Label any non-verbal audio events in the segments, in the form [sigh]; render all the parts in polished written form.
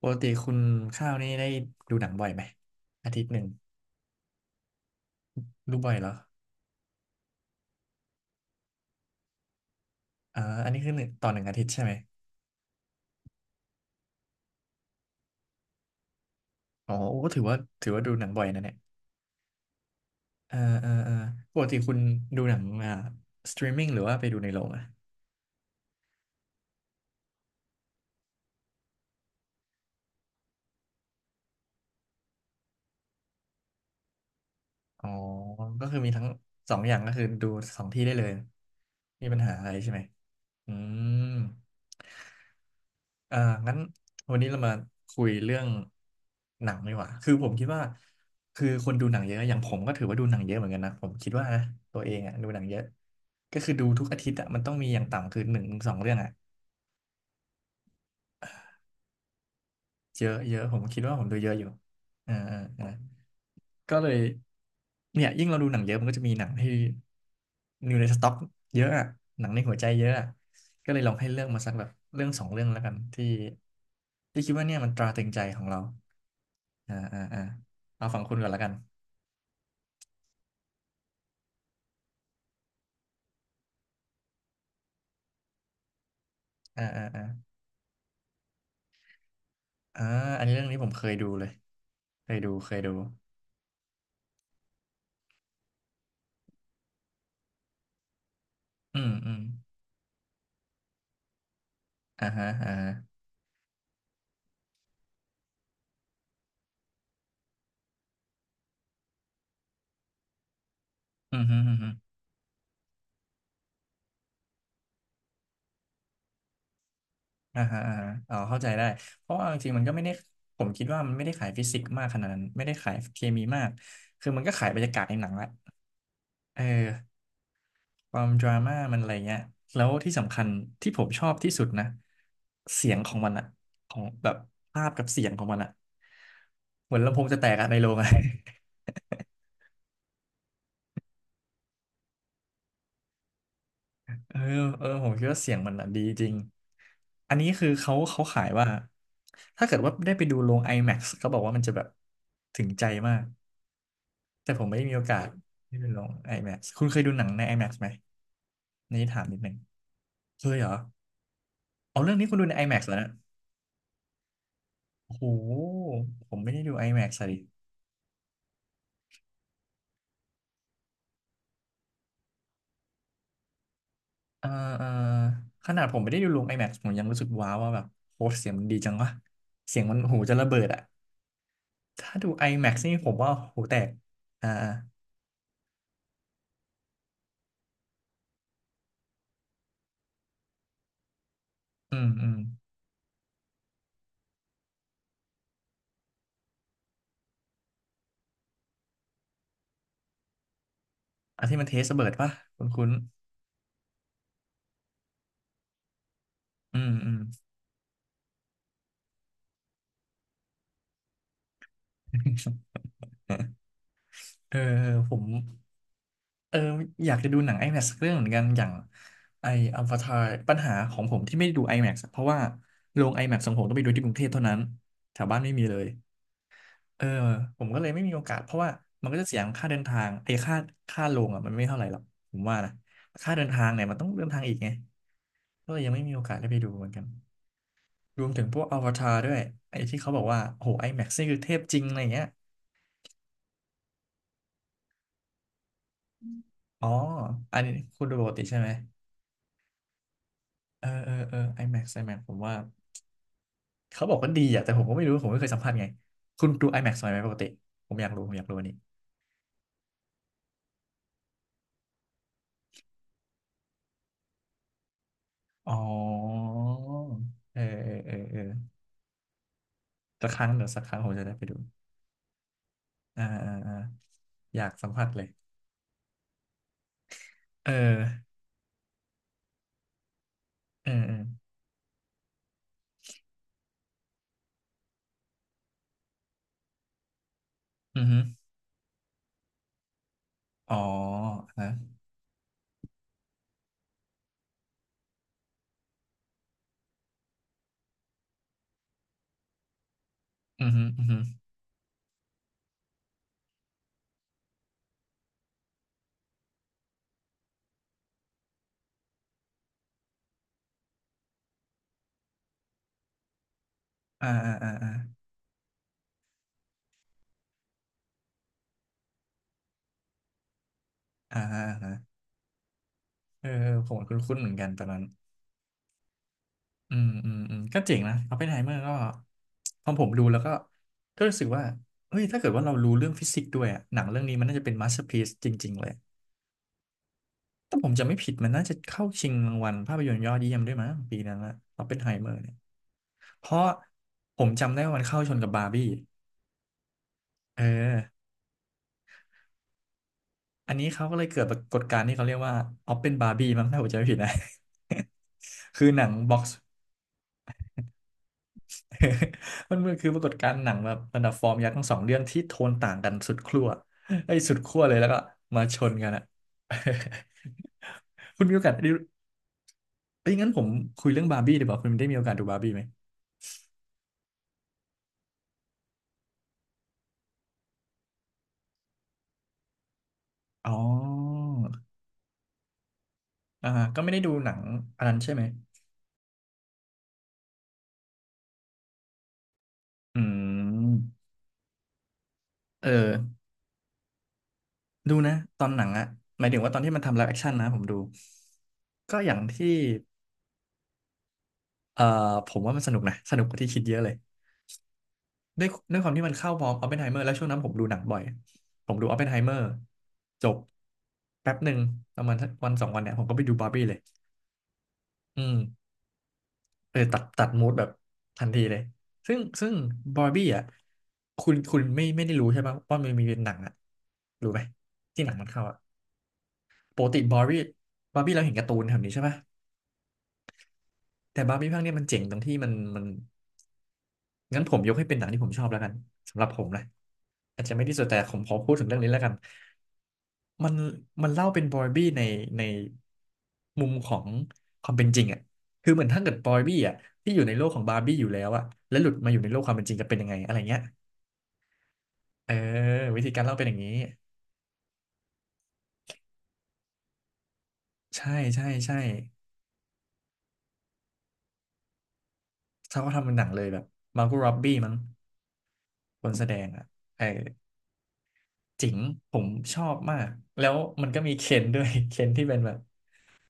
ปกติคุณข้าวนี่ได้ดูหนังบ่อยไหมอาทิตย์หนึ่งดูบ่อยเหรออ่าอันนี้คือหนึ่งต่อหนึ่งอาทิตย์ใช่ไหมอ๋อโอ้ก็ถือว่าถือว่าดูหนังบ่อยนะเนี่ยเออเออเออปกติคุณดูหนังสตรีมมิ่งหรือว่าไปดูในโรงอะอ๋อก็คือมีทั้งสองอย่างก็คือดูสองที่ได้เลยมีปัญหาอะไรใช่ไหมอืม เอ่างั้นวันนี้เรามาคุยเรื่องหนังดีกว่าคือผมคิดว่าคือคนดูหนังเยอะอย่างผมก็ถือว่าดูหนังเยอะเหมือนกันนะผมคิดว่านะตัวเองอ่ะดูหนังเยอะก็คือดูทุกอาทิตย์อ่ะมันต้องมีอย่างต่ำคือหนึ่งถึงสองเรื่องอ่ะเยอะเยอะผมคิดว่าผมดูเยอะอยู่อ่าอ่าอ่า ก็เลยเนี่ยยิ่งเราดูหนังเยอะมันก็จะมีหนังที่อยู่ในสต็อกเยอะอะหนังในหัวใจเยอะอะก็เลยลองให้เลือกมาสักแบบเรื่องสองเรื่องแล้วกันที่คิดว่าเนี่ยมันตราตรึงใจของเราอ่าอ่าอ่าเอาฝั่งคุณก่อนแล้วกันอ่าอ่าอ่าอ่าอันนี้เรื่องนี้ผมเคยดูเลยเคยดูเคยดูอืมอืมอ่าฮะอ่าฮะอืมฮึมอืม อ่าฮะอ่าฮะอ๋อเข้าใจได้เพราะว่าจริงๆมันก็ไม่ได้ผมคิดว่ามันไม่ได้ขายฟิสิกส์มากขนาดนั้นไม่ได้ขายเคมีมากคือมันก็ขายบรรยากาศในหนังแหละเออความดราม่ามันอะไรเงี้ยแล้วที่สำคัญที่ผมชอบที่สุดนะเสียงของมันอะของแบบภาพกับเสียงของมันอะเหมือนลำโพงจะแตกอะในโรงอะ [laughs] เออเออผมคิดว่าเสียงมันอะดีจริงอันนี้คือเขาเขาขายว่าถ้าเกิดว่าได้ไปดูโรง IMAX เขาบอกว่ามันจะแบบถึงใจมาก แต่ผมไม่ได้มีโอกาสที่ไปลง IMAX คุณเคยดูหนังใน IMAX ไหมนี่ถามนิดนึงเคยเหรอเอาเรื่องนี้คุณดูใน IMAX แล้วนะโอ้โหผมไม่ได้ดู IMAX อะดิเออเออขนาดผมไม่ได้ดูลง IMAX ผมยังรู้สึกว้าวว่าแบบโอ้เสียงมันดีจังวะเสียงมันหูจะระเบิดอะถ้าดู IMAX นี่ผมว่าหูแตกอ่าอ่าอืมอืมอันที่มันเทสระเบิดปะคุณอืมอืม [laughs] เออผม เอออยากจะดูหนัง IMAX สักเรื่องเหมือนกันอย่างไออวตารปัญหาของผมที่ไม่ได้ดู IMAX อะเพราะว่าโรง IMAX ของผมต้องไปดูที่กรุงเทพเท่านั้นแถวบ้านไม่มีเลยเออผมก็เลยไม่มีโอกาสเพราะว่ามันก็จะเสียค่าเดินทางไอ้ค่าโรงอ่ะมันไม่เท่าไหร่หรอกผมว่านะค่าเดินทางเนี่ยมันต้องเดินทางอีกไงก็เลยยังไม่มีโอกาสได้ไปดูเหมือนกันรวมถึงพวกอวตารด้วยไอ้ที่เขาบอกว่าโอ้โห IMAX นี่คือเทพจริงอะไรเงี้ยอ๋ออันนี้คุณดูปกติใช่ไหมเออเออเออ IMAX IMAX ผมว่า เขาบอกว่าดีอ่ะแต่ผมก็ไม่รู้ผมไม่เคยสัมผัสไงคุณดู IMAX ไหมปกติผมอยากรู้ผมอยากรู้อันนี้อ๋อเออเออเออเออสักครั้งเดี๋ยวสักครั้งผมจะได้ไปดูอ่าอ่าอ่าอยากสัมผัสเลยเออเออเอออือฮึอ๋อนะอือฮึอือฮึอ่าอ่าอ่าอ่าอ่าอ่าเออผมคุ้นๆเหมือนกันตอนนั้น อืมอืมอืมก็เจ๋งนะอ p ปเพนไฮเมอร์ก็พอผมดูแล้วก็รู้สึกว่าเฮ้ยถ้าเกิดว่าเรารู้เรื่องฟิสิกส์ด้วยอะหนังเรื่องนี้มันน่าจะเป็นมาสเตอร์พ c e จริงๆเลยถ้าผมจะไม่ผิดมันน่าจะเข้าชิงรางวัลภาพยนตร์ยอดเยี่ยมด้วยมั้งปีนั้นละอ p ปเพนไฮเมอร์เนี่ยเพราะผมจำได้ว่ามันเข้าชนกับบาร์บี้เอออันนี้เขาก็เลยเกิดปรากฏการณ์ที่เขาเรียกว่าออปเป็นบาร์บี้มั้งถ้าผมจำไม่ผิดนะ [laughs] คือหนังบ็อก [laughs] มันคือปรากฏการณ์หนังแบบบรรดาฟอร์มยักษ์ทั้งสองเรื่องที่โทนต่างกันสุดขั้วไอ้ยสุดขั้วเลยแล้วก็มาชนกันอะ [laughs] คุณมีโอกาสได้เอ้ยงั้นผมคุยเรื่องบาร์บี้ดีกว่าคุณได้มีโอกาสดูบาร์บี้ไหมอ๋ออ่าก็ไม่ได้ดูหนังอันนั้นใช่ไหมอืมเออดูนะตอนหนังอะหมายถึงว่าตอนที่มันทำไลฟ์แอคชั่นนะผมดูก็อย่างที่เอ่อผมว่ามันสนุกนะสนุกกว่าที่คิดเยอะเลย ด้วยความที่มันเข้าพร้อมออปเพนไฮเมอร์แล้วช่วงนั้นผมดูหนังบ่อยผมดูออปเพนไฮเมอร์จบแป๊บหนึ่งประมาณสักวันสองวันเนี่ยผมก็ไปดูบาร์บี้เลยอืมเออตัดมูดแบบทันทีเลยซึ่งบาร์บี้อ่ะคุณไม่ได้รู้ใช่ปะว่ามันมีเป็นหนังอ่ะรู้ไหมที่หนังมันเข้าอ่ะปกติบาร์บี้บาร์บี้เราเห็นการ์ตูนแบบนี้ใช่ปะแต่บาร์บี้ภาคเนี้ยมันเจ๋งตรงที่มันงั้นผมยกให้เป็นหนังที่ผมชอบแล้วกันสำหรับผมนะอาจจะไม่ที่สุดแต่ผมขอพูดถึงเรื่องนี้แล้วกัน มันมันเล่าเป็นบอยบี้ในมุมของความเป็นจริงอ่ะคือเหมือนถ้าเกิดบอยบี้อ่ะที่อยู่ในโลกของบาร์บี้อยู่แล้วอ่ะแล้วหลุดมาอยู่ในโลกความเป็นจริงจะเป็นยังไงอะไรเงี้ยเออวิธีการเล่าเป็นอย่างนี้ใช่ใช่ใช่เขาก็ทำเป็นหนังเลยแบบมาร์ก o ร็อบบี้มั้งคนแสดงอ่ะเออจิ๋งผมชอบมากแล้วมันก็มีเคนด้วย [laughs] เคนที่เป็นแบบ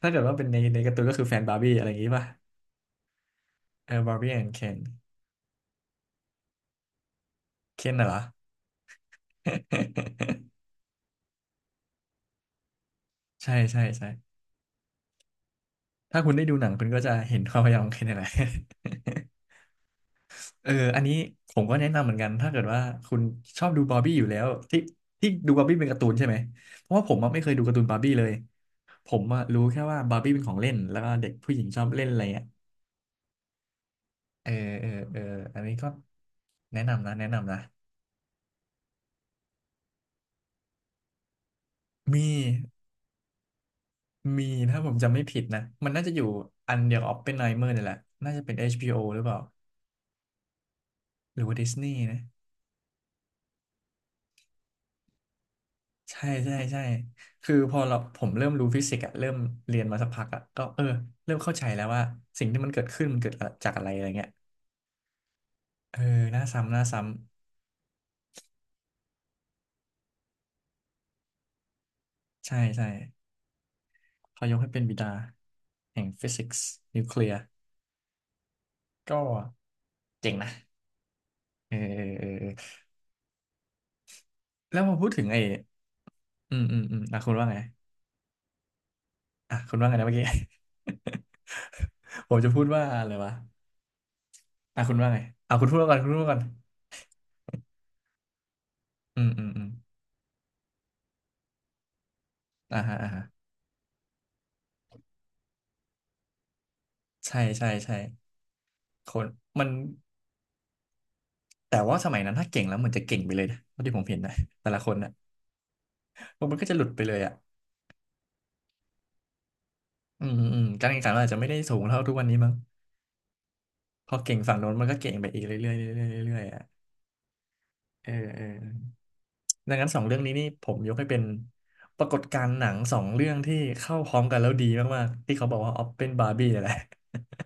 ถ้าเกิดว่าเป็นในการ์ตูนก็คือแฟนบาร์บี้อะไรอย่างงี้ป่ะเออบาร์บี้แอนด์เคนเคนน่ะเหรอ [laughs] ใช่ใช่ใช่ ถ้าคุณได้ดูหนังคุณก็จะเห็นความพยายามของเคนนี่แหะไร [laughs] เอออันนี้ผมก็แนะนำเหมือนกัน ถ้าเกิดว่าคุณชอบดูบาร์บี้อยู่แล้วที่ดูบาร์บี้เป็นการ์ตูนใช่ไหมเพราะว่าผมอะไม่เคยดูการ์ตูนบาร์บี้เลย ผมอะรู้แค่ว่าบาร์บี้เป็นของเล่นแล้วก็เด็กผู้หญิงชอบเล่นอะไรเงี้ยเออเออเอออันนี้ก็แนะนำนะแนะนำนะมีมีถ้าผมจำไม่ผิดนะ มันน่าจะอยู่อันเดียวกับ Oppenheimer นี่แหละน่าจะเป็นHBOหรือเปล่าหรือว่าดิสนีย์นะ ใช่ใช่ใช่คือพอเราผมเริ่มรู้ฟิสิกส์อะเริ่มเรียนมาสักพักอะก็เออเริ่มเข้าใจแล้วว่าสิ่งที่มันเกิดขึ้นมันเกิดจากอะไรอะไรเงี้ยเออน่าซ้ำน่าซ้ำใช่ใช่เขายกให้เป็นบิดาแห่งฟิสิกส์นิวเคลียร์ก็เจ๋งนะเออเออเออเออแล้วพอพูดถึงไอ้อืมอ่ะคุณว่าไงอ่ะคุณว่าไงนะเมื่อกี้ [laughs] ผมจะพูดว่าอะไรวะอ่ะคุณว่าไงอ่ะคุณพูดก่อนอืมอ่าฮะอ่าฮะใช่ใช่ใช่ คนมันแต่ว่าสมัยนั้นถ้าเก่งแล้วเหมือนจะเก่งไปเลยนะเท่าที่ผมเห็นนะแต่ละคนนะมันก็จะหลุดไปเลยอ่ะอืมอืมการแข่งขันมันอาจจะไม่ได้สูงเท่าทุกวันนี้มั้งพอเก่งฝั่งโน้นมันก็เก่งไปอีกเรื่อยๆเรื่อยๆเรื่อยๆอ่ะเออเออดังนั้นสองเรื่องนี้นี่ผมยกให้เป็นปรากฏการณ์หนังสองเรื่องที่เข้าพร้อมกันแล้วดีมากๆที่เขาบอกว่าออปเป็นบาร์บี้นี่แหละ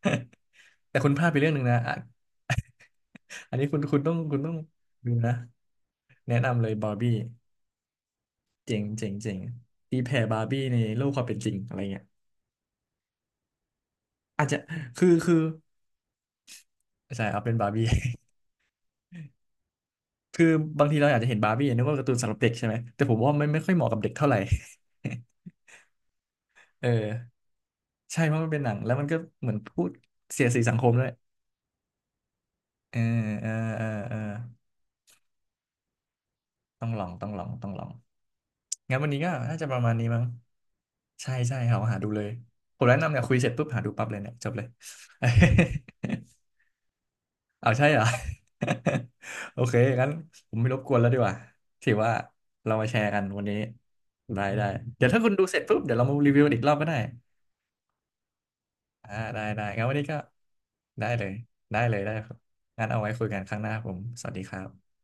[laughs] แต่คุณพลาดไปเรื่องหนึ่งนะอะ [laughs] อันนี้คุณต้องดูนะแนะนำเลยบาร์บี้ เจ๋งเจ๋งเจ๋งตีแผ่บาร์บี้ในโลกความเป็นจริงอะไรเงี้ยอาจจะคือใช่ครับเป็นบาร์บี้ [laughs] คือบางทีเราอยากจะเห็นบาร์บี้นึกว่าการ์ตูนสำหรับเด็กใช่ไหมแต่ผมว่ามันไม่ค่อยเหมาะกับเด็กเท่าไหร่ [laughs] เออใช่เพราะมันเป็นหนังแล้วมันก็เหมือนพูดเสียดสีสังคมด้วยเออเออเออเออต้องลองต้องลองต้องลองงั้นวันนี้ก็น่าจะประมาณนี้มั้งใช่ใช่ครับหาดูเลยผมแนะนำเนี่ยคุยเสร็จปุ๊บหาดูปั๊บเลยเนี่ยจบเลย [laughs] เอาใช่เหรอ [laughs] โอเคงั้นผมไม่รบกวนแล้วดีกว่าถือว่าเรามาแชร์กันวันนี้ได้ได้ เดี๋ยวถ้าคุณดูเสร็จปุ๊บเดี๋ยวเรามารีวิวกันอีกรอบก็ได้อ่าได้ได้งั้นวันนี้ก็ได้เลยได้เลยได้ครับงั้นเอาไว้คุยกันครั้งหน้าครับผม สวัสดีครับ